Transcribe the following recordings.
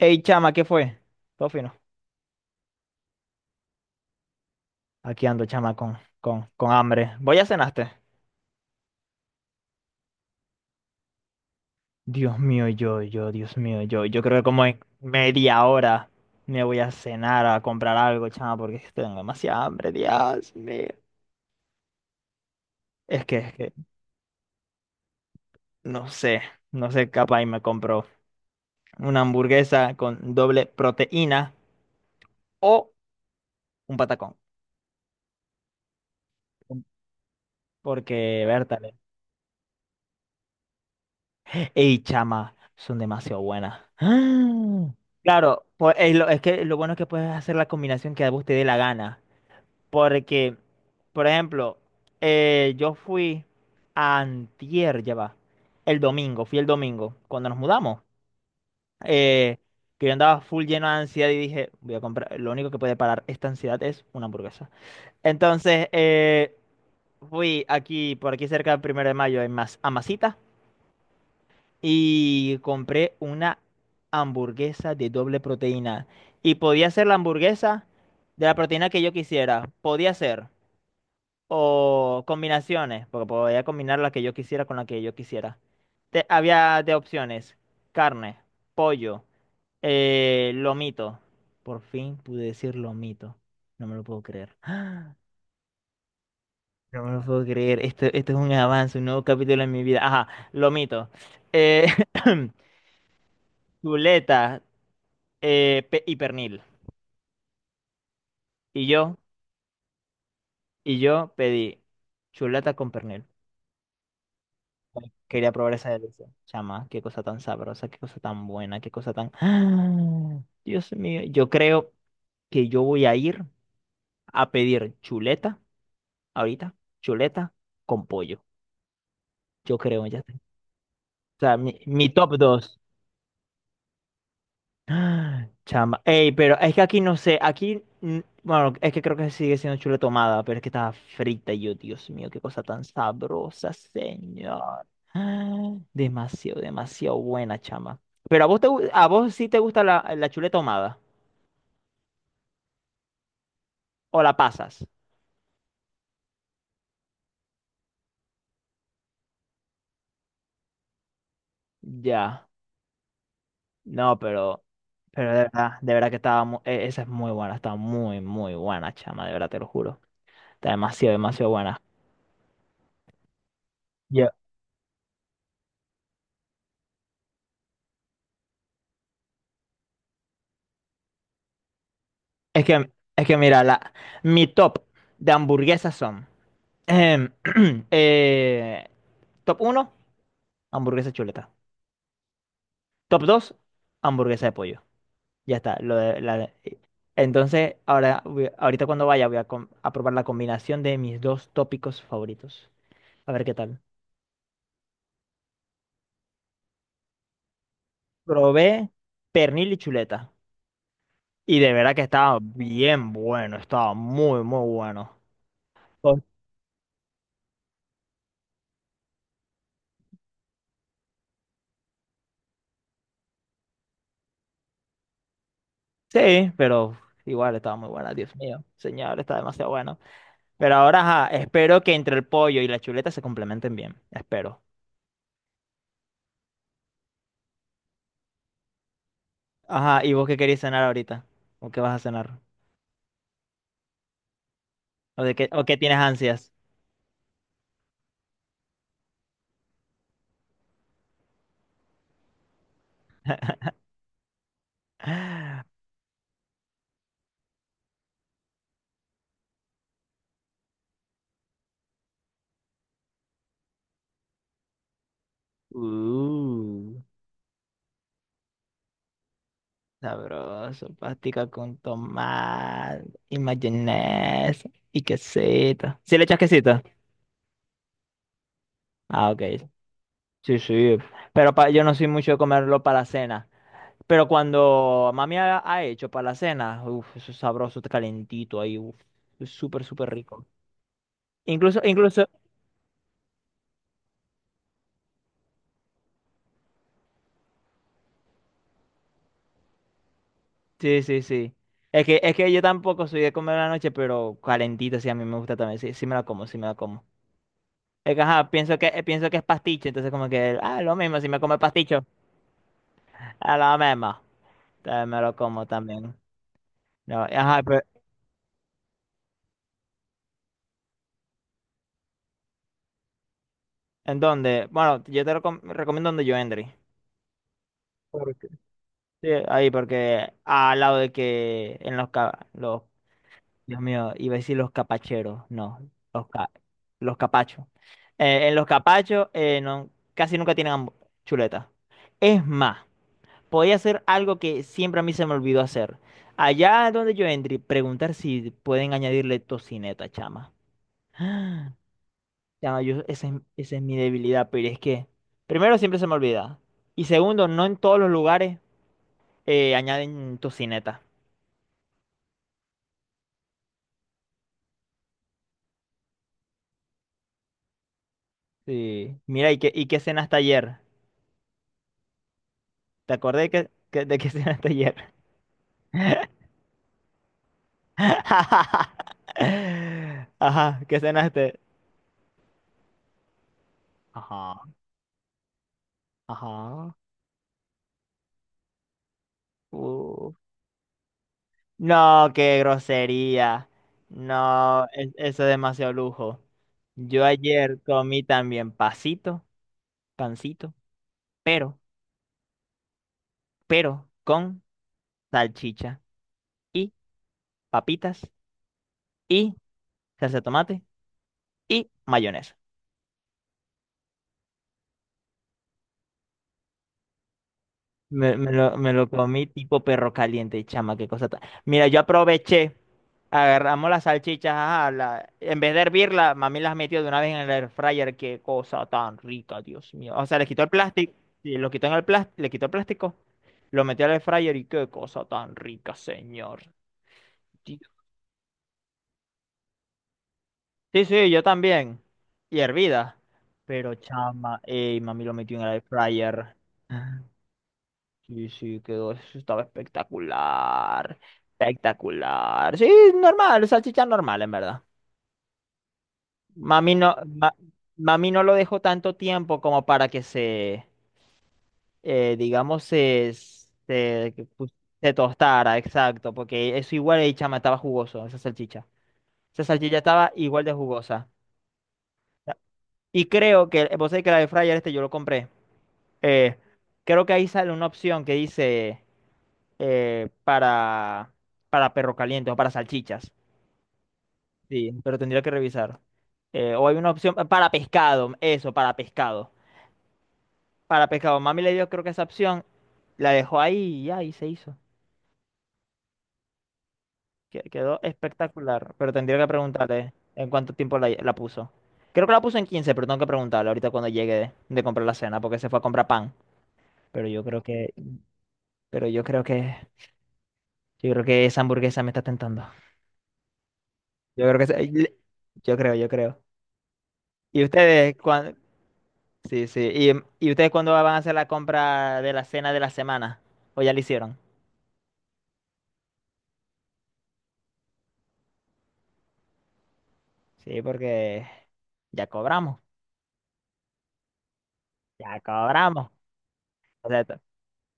Ey, chama, ¿qué fue? Todo fino. Aquí ando, chama, con hambre. ¿Voy a cenaste? Dios mío, Dios mío, yo. Yo creo que como en media hora me voy a cenar a comprar algo, chama, porque es que tengo demasiada hambre, Dios mío. Es que, es que, no sé, no sé, capaz y me compro una hamburguesa con doble proteína o un patacón. Porque, Berta, ey, chama, son demasiado buenas. ¡Ah! Claro, es que lo bueno es que puedes hacer la combinación que a vos te dé la gana. Porque, por ejemplo, yo fui antier, ya va, el domingo, fui el domingo, cuando nos mudamos, eh, que yo andaba full lleno de ansiedad y dije, voy a comprar, lo único que puede parar esta ansiedad es una hamburguesa. Entonces, fui aquí, por aquí cerca del primero de mayo, en Mas, a Masita y compré una hamburguesa de doble proteína. Y podía ser la hamburguesa de la proteína que yo quisiera. Podía ser. O combinaciones, porque podía combinar la que yo quisiera con la que yo quisiera. Había de opciones. Carne, pollo, lomito. Por fin pude decir lomito. No me lo puedo creer. No me lo puedo creer. Esto es un avance, un nuevo capítulo en mi vida. Ajá, lomito. Eh, chuleta. Y pernil. Y yo, y yo pedí chuleta con pernil. Ay, quería probar esa delicia. Chama, qué cosa tan sabrosa, qué cosa tan buena, qué cosa tan... ¡Ah! Dios mío, yo creo que yo voy a ir a pedir chuleta, ahorita, chuleta con pollo. Yo creo, ya está. O sea, mi top dos. Ah, chamba. Ey, pero es que aquí no sé, aquí, bueno, es que creo que sigue siendo chule tomada, pero es que está frita y yo, Dios mío, qué cosa tan sabrosa, señor. Ah, demasiado, demasiado buena, chama. Pero a vos te, a vos sí te gusta la chule tomada o la pasas. Ya. No, pero de verdad que estaba, esa es muy buena, está muy, muy buena, chama, de verdad te lo juro. Está demasiado, demasiado buena. Es que, es que, mira, mi top de hamburguesas son. em, eh, top uno hamburguesa chuleta. Top 2 hamburguesa de pollo. Ya está. Lo de, la de- Entonces, ahora, ahorita cuando vaya, a probar la combinación de mis dos tópicos favoritos. A ver qué tal. Probé pernil y chuleta. Y de verdad que estaba bien bueno. Estaba muy, muy bueno. Pues, sí, pero igual estaba muy buena. Dios mío, señor, está demasiado bueno. Pero ahora, ajá, espero que entre el pollo y la chuleta se complementen bien. Espero. Ajá, ¿y vos qué querés cenar ahorita? ¿O qué vas a cenar? ¿O de qué, o qué tienes ansias? Uh, Sabroso, pastica con tomate y mayonesa y quesito. ¿Sí le echas quesito? Ah, ok. Sí, sí. Pero yo no soy mucho de comerlo para la cena. Pero cuando mami ha hecho para la cena, uff, eso es sabroso, calentito ahí, uff, es súper, súper rico. Incluso, incluso, Sí, sí, sí. Es que, yo tampoco soy de comer a la noche, pero calentita, sí, a mí me gusta también. Sí, sí me la como, sí me la como. Es que, ajá, pienso que es pasticho, entonces como que, ah, lo mismo, si me come pasticho, a la misma. También me lo como también. No, ajá, pero, ¿en dónde? Bueno, yo te recomiendo donde yo, Endry. ¿Por qué? Sí, ahí, porque al lado de que en los, los, Dios mío, iba a decir los capacheros, no, los, los capachos. En los capachos no, casi nunca tienen chuleta. Es más, podía hacer algo que siempre a mí se me olvidó hacer. Allá donde yo entré, preguntar si pueden añadirle tocineta, chama. Chama, yo, esa es mi debilidad, pero es que, primero, siempre se me olvida. Y segundo, no en todos los lugares añaden tocineta. Sí. Mira, ¿y qué cenaste ayer? Te acordé que, de que cenaste ayer. Ajá, ¿qué cenaste? Ajá, ajá. Uh. No, qué grosería. No, eso es demasiado lujo. Yo ayer comí también pasito, pancito, pero, pero, con salchicha y papitas y salsa de tomate y mayonesa. Me lo comí tipo perro caliente, chama, qué cosa tan... Mira, yo aproveché. Agarramos las salchichas, ajá, en vez de hervirla, mami las metió de una vez en el air fryer. Qué cosa tan rica, Dios mío. O sea, le quitó el plástico, y lo quitó en el plástico, le quitó el plástico, lo metió al air fryer y qué cosa tan rica, señor. Di- Sí, sí, yo también. Y hervida. Pero chama, ey, mami lo metió en el air fryer. Sí, sí, quedó, eso estaba espectacular. Espectacular. Sí, normal, salchicha normal, en verdad. Mami no, mami no lo dejó tanto tiempo como para que se, digamos, se, que pus- se tostara, exacto, porque eso igual el chama estaba jugoso, esa salchicha. Esa salchicha estaba igual de jugosa. Y creo que, vos sabés que la de fryer este yo lo compré. eh, Creo que ahí sale una opción que dice eh, para, para perro caliente o para salchichas. Sí, pero tendría que revisar. O hay una opción para pescado, eso, para pescado. Para pescado, mami le dio creo que esa opción, la dejó ahí y ya, y se hizo. Quedó espectacular, pero tendría que preguntarle en cuánto tiempo la puso. Creo que la puso en 15, pero tengo que preguntarle ahorita cuando llegue de, comprar la cena, porque se fue a comprar pan. Pero yo creo que, pero yo creo que, yo creo que esa hamburguesa me está tentando. Yo creo que, yo creo, yo creo. ¿Y ustedes cuándo? Sí, sí. ¿Y ustedes cuándo van a hacer la compra de la cena de la semana? ¿O ya la hicieron? Sí, porque ya cobramos, ya cobramos. Correcto.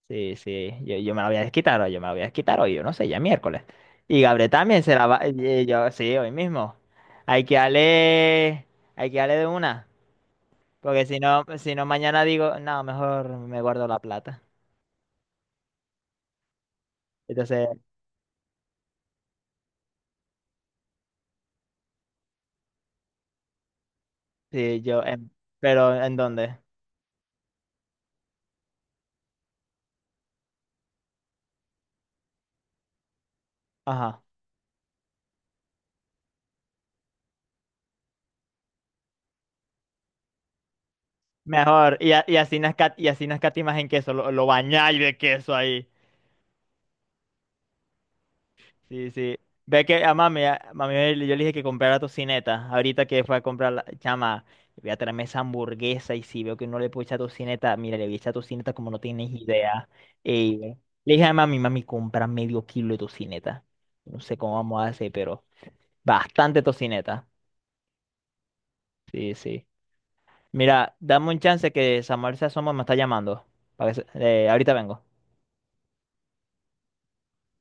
Sí, sí, yo me la voy a desquitar hoy, yo me la voy a desquitar hoy, yo no sé, ya es miércoles. Y Gabriel también se la va, y yo, sí, hoy mismo. Hay que darle, hay que darle de una, porque si no mañana digo, no, mejor me guardo la plata. Entonces, sí, yo, pero ¿en dónde? Ajá. Mejor, y, a- y así no escat- y así no escatimas en queso, lo bañáis de queso ahí. Sí, sí. Ve que a mami, yo le dije que comprara tocineta. Ahorita que fue a comprar la chama, voy a traerme esa hamburguesa y si veo que no le puedo echar tocineta, mira, le voy a echar tocineta como no tienes idea. Ey, ve. Le dije a mami, mami, compra medio kilo de tocineta. No sé cómo vamos a hacer, pero bastante tocineta. Sí, sí. Mira, dame un chance que Samuel se asoma, me está llamando. Para que ahorita vengo.